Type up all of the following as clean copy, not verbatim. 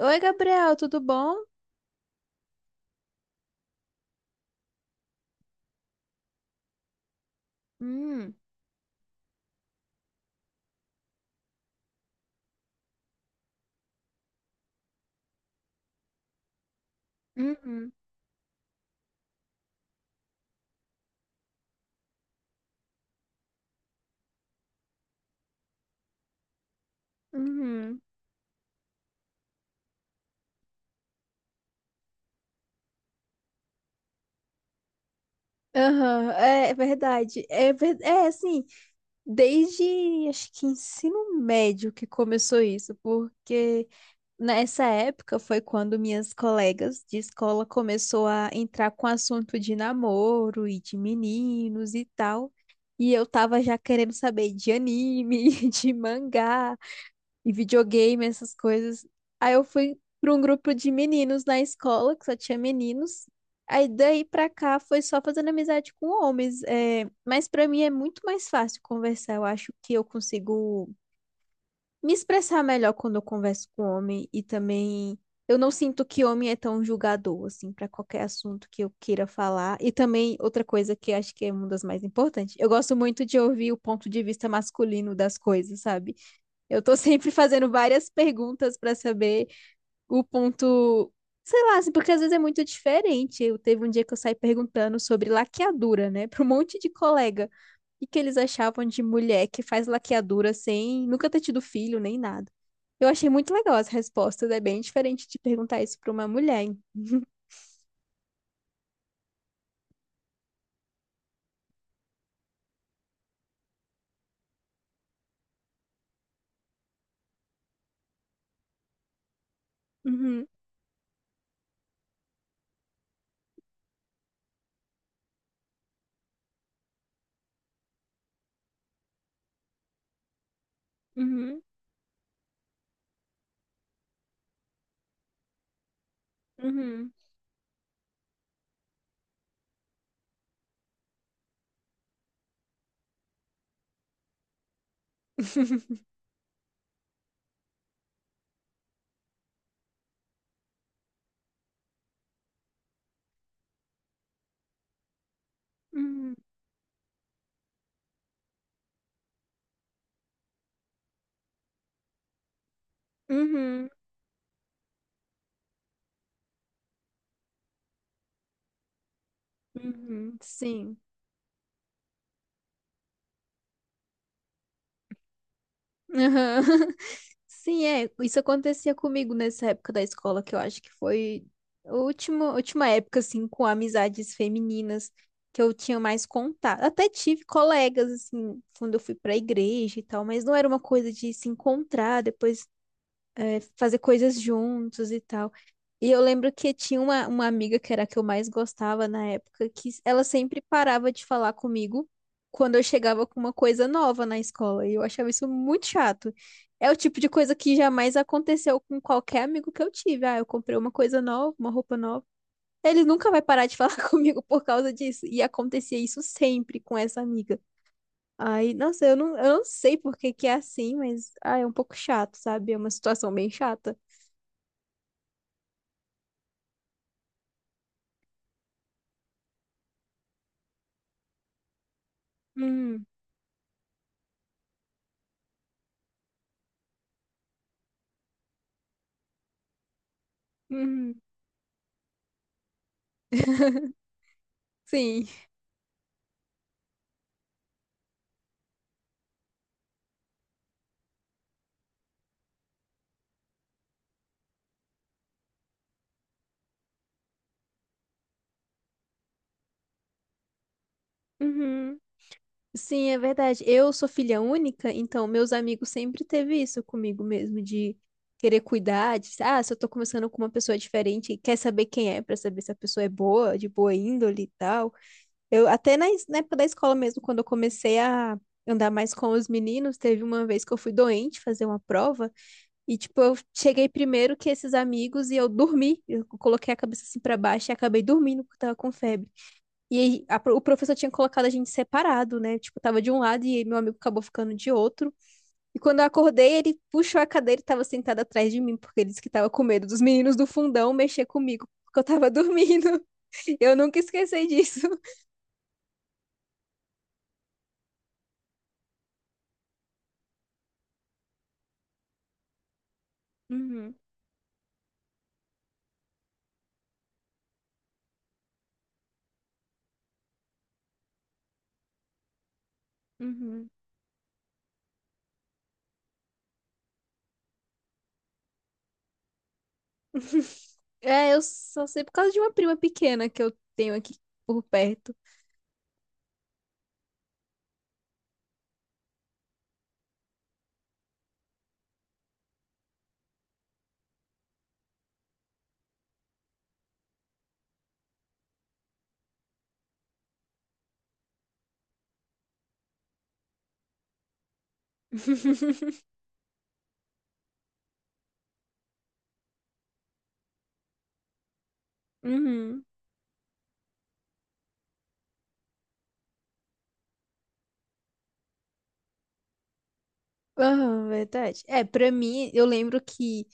Oi, Gabriel, tudo bom? Hum, hum, uhum. Aham, é verdade. É, é assim, desde acho que ensino médio que começou isso, porque nessa época foi quando minhas colegas de escola começou a entrar com assunto de namoro e de meninos e tal. E eu tava já querendo saber de anime, de mangá. E videogame, essas coisas. Aí eu fui para um grupo de meninos na escola, que só tinha meninos. Aí daí pra cá foi só fazendo amizade com homens. É... Mas pra mim é muito mais fácil conversar. Eu acho que eu consigo me expressar melhor quando eu converso com homem e também. Eu não sinto que homem é tão julgador, assim, pra qualquer assunto que eu queira falar. E também, outra coisa que acho que é uma das mais importantes, eu gosto muito de ouvir o ponto de vista masculino das coisas, sabe? Eu tô sempre fazendo várias perguntas pra saber o ponto, sei lá, assim, porque às vezes é muito diferente. Eu teve um dia que eu saí perguntando sobre laqueadura, né, pra um monte de colega. E que eles achavam de mulher que faz laqueadura sem nunca ter tido filho nem nada. Eu achei muito legal as respostas, é bem diferente de perguntar isso pra uma mulher. Hein? Uhum, uhum, uhum, uhum, uhum, uhum, sim. Aham. Sim, é. Isso acontecia comigo nessa época da escola, que eu acho que foi a última, última época, assim, com amizades femininas que eu tinha mais contato. Até tive colegas, assim, quando eu fui pra igreja e tal, mas não era uma coisa de se encontrar depois fazer coisas juntos e tal. E eu lembro que tinha uma amiga que era a que eu mais gostava na época, que ela sempre parava de falar comigo quando eu chegava com uma coisa nova na escola. E eu achava isso muito chato. É o tipo de coisa que jamais aconteceu com qualquer amigo que eu tive. Ah, eu comprei uma coisa nova, uma roupa nova. Ele nunca vai parar de falar comigo por causa disso. E acontecia isso sempre com essa amiga. Ai, nossa, eu não sei por que que é assim, mas ah, é um pouco chato, sabe? É uma situação bem chata. Hum, uhum, sim. Uhum. Sim, é verdade. Eu sou filha única, então meus amigos sempre teve isso comigo mesmo, de querer cuidar, de, ah, se eu tô conversando com uma pessoa diferente, quer saber quem é, pra saber se a pessoa é boa, de boa índole e tal. Eu até na época da escola mesmo, quando eu comecei a andar mais com os meninos, teve uma vez que eu fui doente fazer uma prova, e tipo, eu cheguei primeiro que esses amigos e eu dormi. Eu coloquei a cabeça assim pra baixo e acabei dormindo porque eu tava com febre. E aí, o professor tinha colocado a gente separado, né? Tipo, tava de um lado e meu amigo acabou ficando de outro. E quando eu acordei, ele puxou a cadeira e tava sentado atrás de mim, porque ele disse que tava com medo dos meninos do fundão mexer comigo, porque eu tava dormindo. Eu nunca esqueci disso. Uhum, uhum. É, eu só sei por causa de uma prima pequena que eu tenho aqui por perto. Uhum. Ah, verdade. É, pra mim, eu lembro que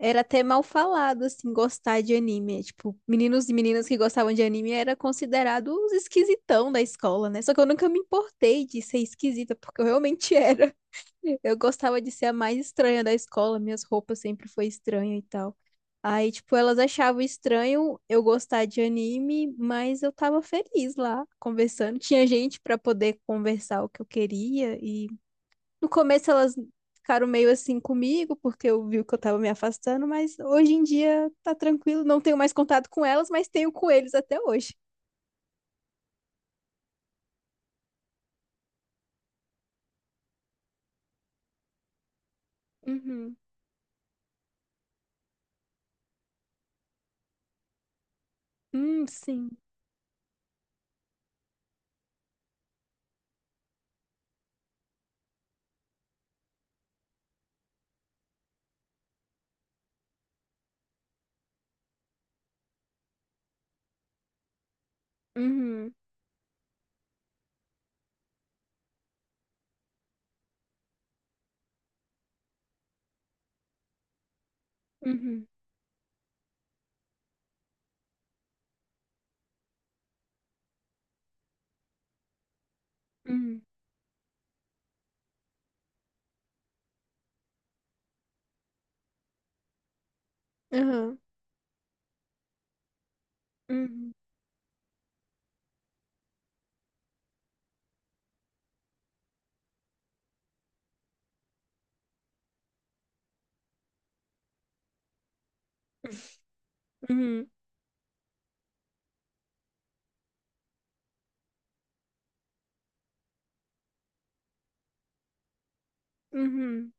era até mal falado, assim, gostar de anime. Tipo, meninos e meninas que gostavam de anime era considerado os esquisitão da escola, né? Só que eu nunca me importei de ser esquisita, porque eu realmente era. Eu gostava de ser a mais estranha da escola, minhas roupas sempre foi estranha e tal. Aí, tipo, elas achavam estranho eu gostar de anime, mas eu tava feliz lá, conversando. Tinha gente pra poder conversar o que eu queria e no começo elas ficaram meio assim comigo, porque eu vi que eu tava me afastando, mas hoje em dia tá tranquilo, não tenho mais contato com elas, mas tenho com eles até hoje. Uhum. Sim. Uhum. Uhum. Uhum. Uhum. Uhum. Uhum. Uhum.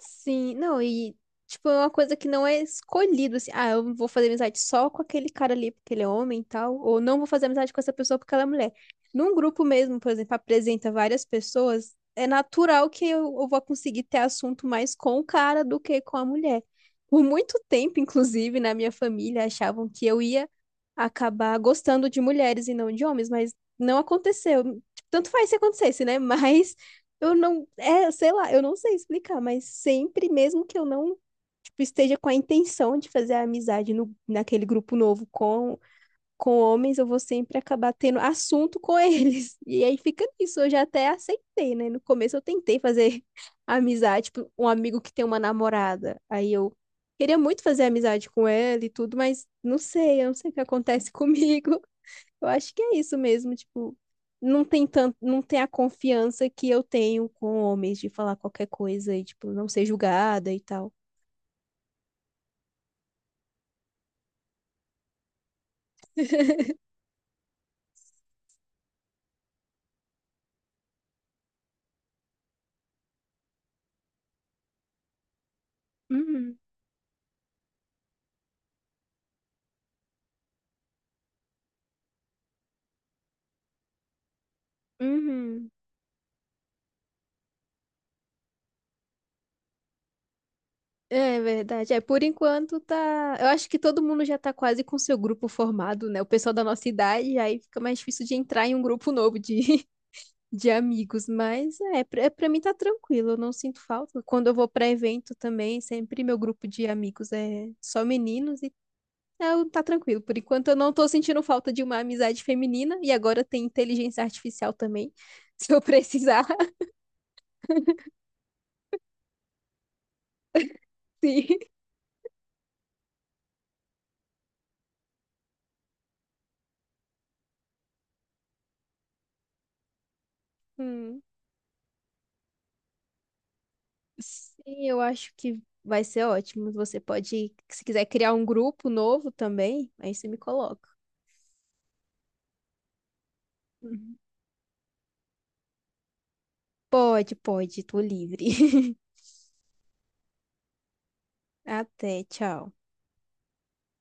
Sim, não, e tipo, é uma coisa que não é escolhido, assim, ah, eu vou fazer amizade só com aquele cara ali porque ele é homem e tal, ou não vou fazer amizade com essa pessoa porque ela é mulher. Num grupo mesmo, por exemplo, apresenta várias pessoas, é natural que eu vou conseguir ter assunto mais com o cara do que com a mulher. Por muito tempo, inclusive, na minha família, achavam que eu ia acabar gostando de mulheres e não de homens, mas não aconteceu. Tipo, tanto faz se acontecesse, né? Mas eu não, é, sei lá, eu não sei explicar, mas sempre, mesmo que eu não, tipo, esteja com a intenção de fazer a amizade no, naquele grupo novo com homens, eu vou sempre acabar tendo assunto com eles. E aí fica nisso, eu já até aceitei, né? No começo eu tentei fazer amizade, tipo, um amigo que tem uma namorada. Aí eu queria muito fazer amizade com ela e tudo, mas não sei, eu não sei o que acontece comigo. Eu acho que é isso mesmo, tipo, não tem a confiança que eu tenho com homens de falar qualquer coisa e, tipo, não ser julgada e tal. Uhum, uhum. É verdade. É, por enquanto tá. Eu acho que todo mundo já tá quase com seu grupo formado, né? O pessoal da nossa idade, aí fica mais difícil de entrar em um grupo novo de, de amigos. Mas é, é, pra mim tá tranquilo, eu não sinto falta. Quando eu vou pra evento também, sempre meu grupo de amigos é só meninos. Eu, tá tranquilo. Por enquanto eu não tô sentindo falta de uma amizade feminina e agora tem inteligência artificial também, se eu precisar. Sim. Hum. Sim, eu acho que vai ser ótimo. Você pode, se quiser criar um grupo novo também, aí você me coloca. Uhum. Pode, pode, tô livre. Até, tchau.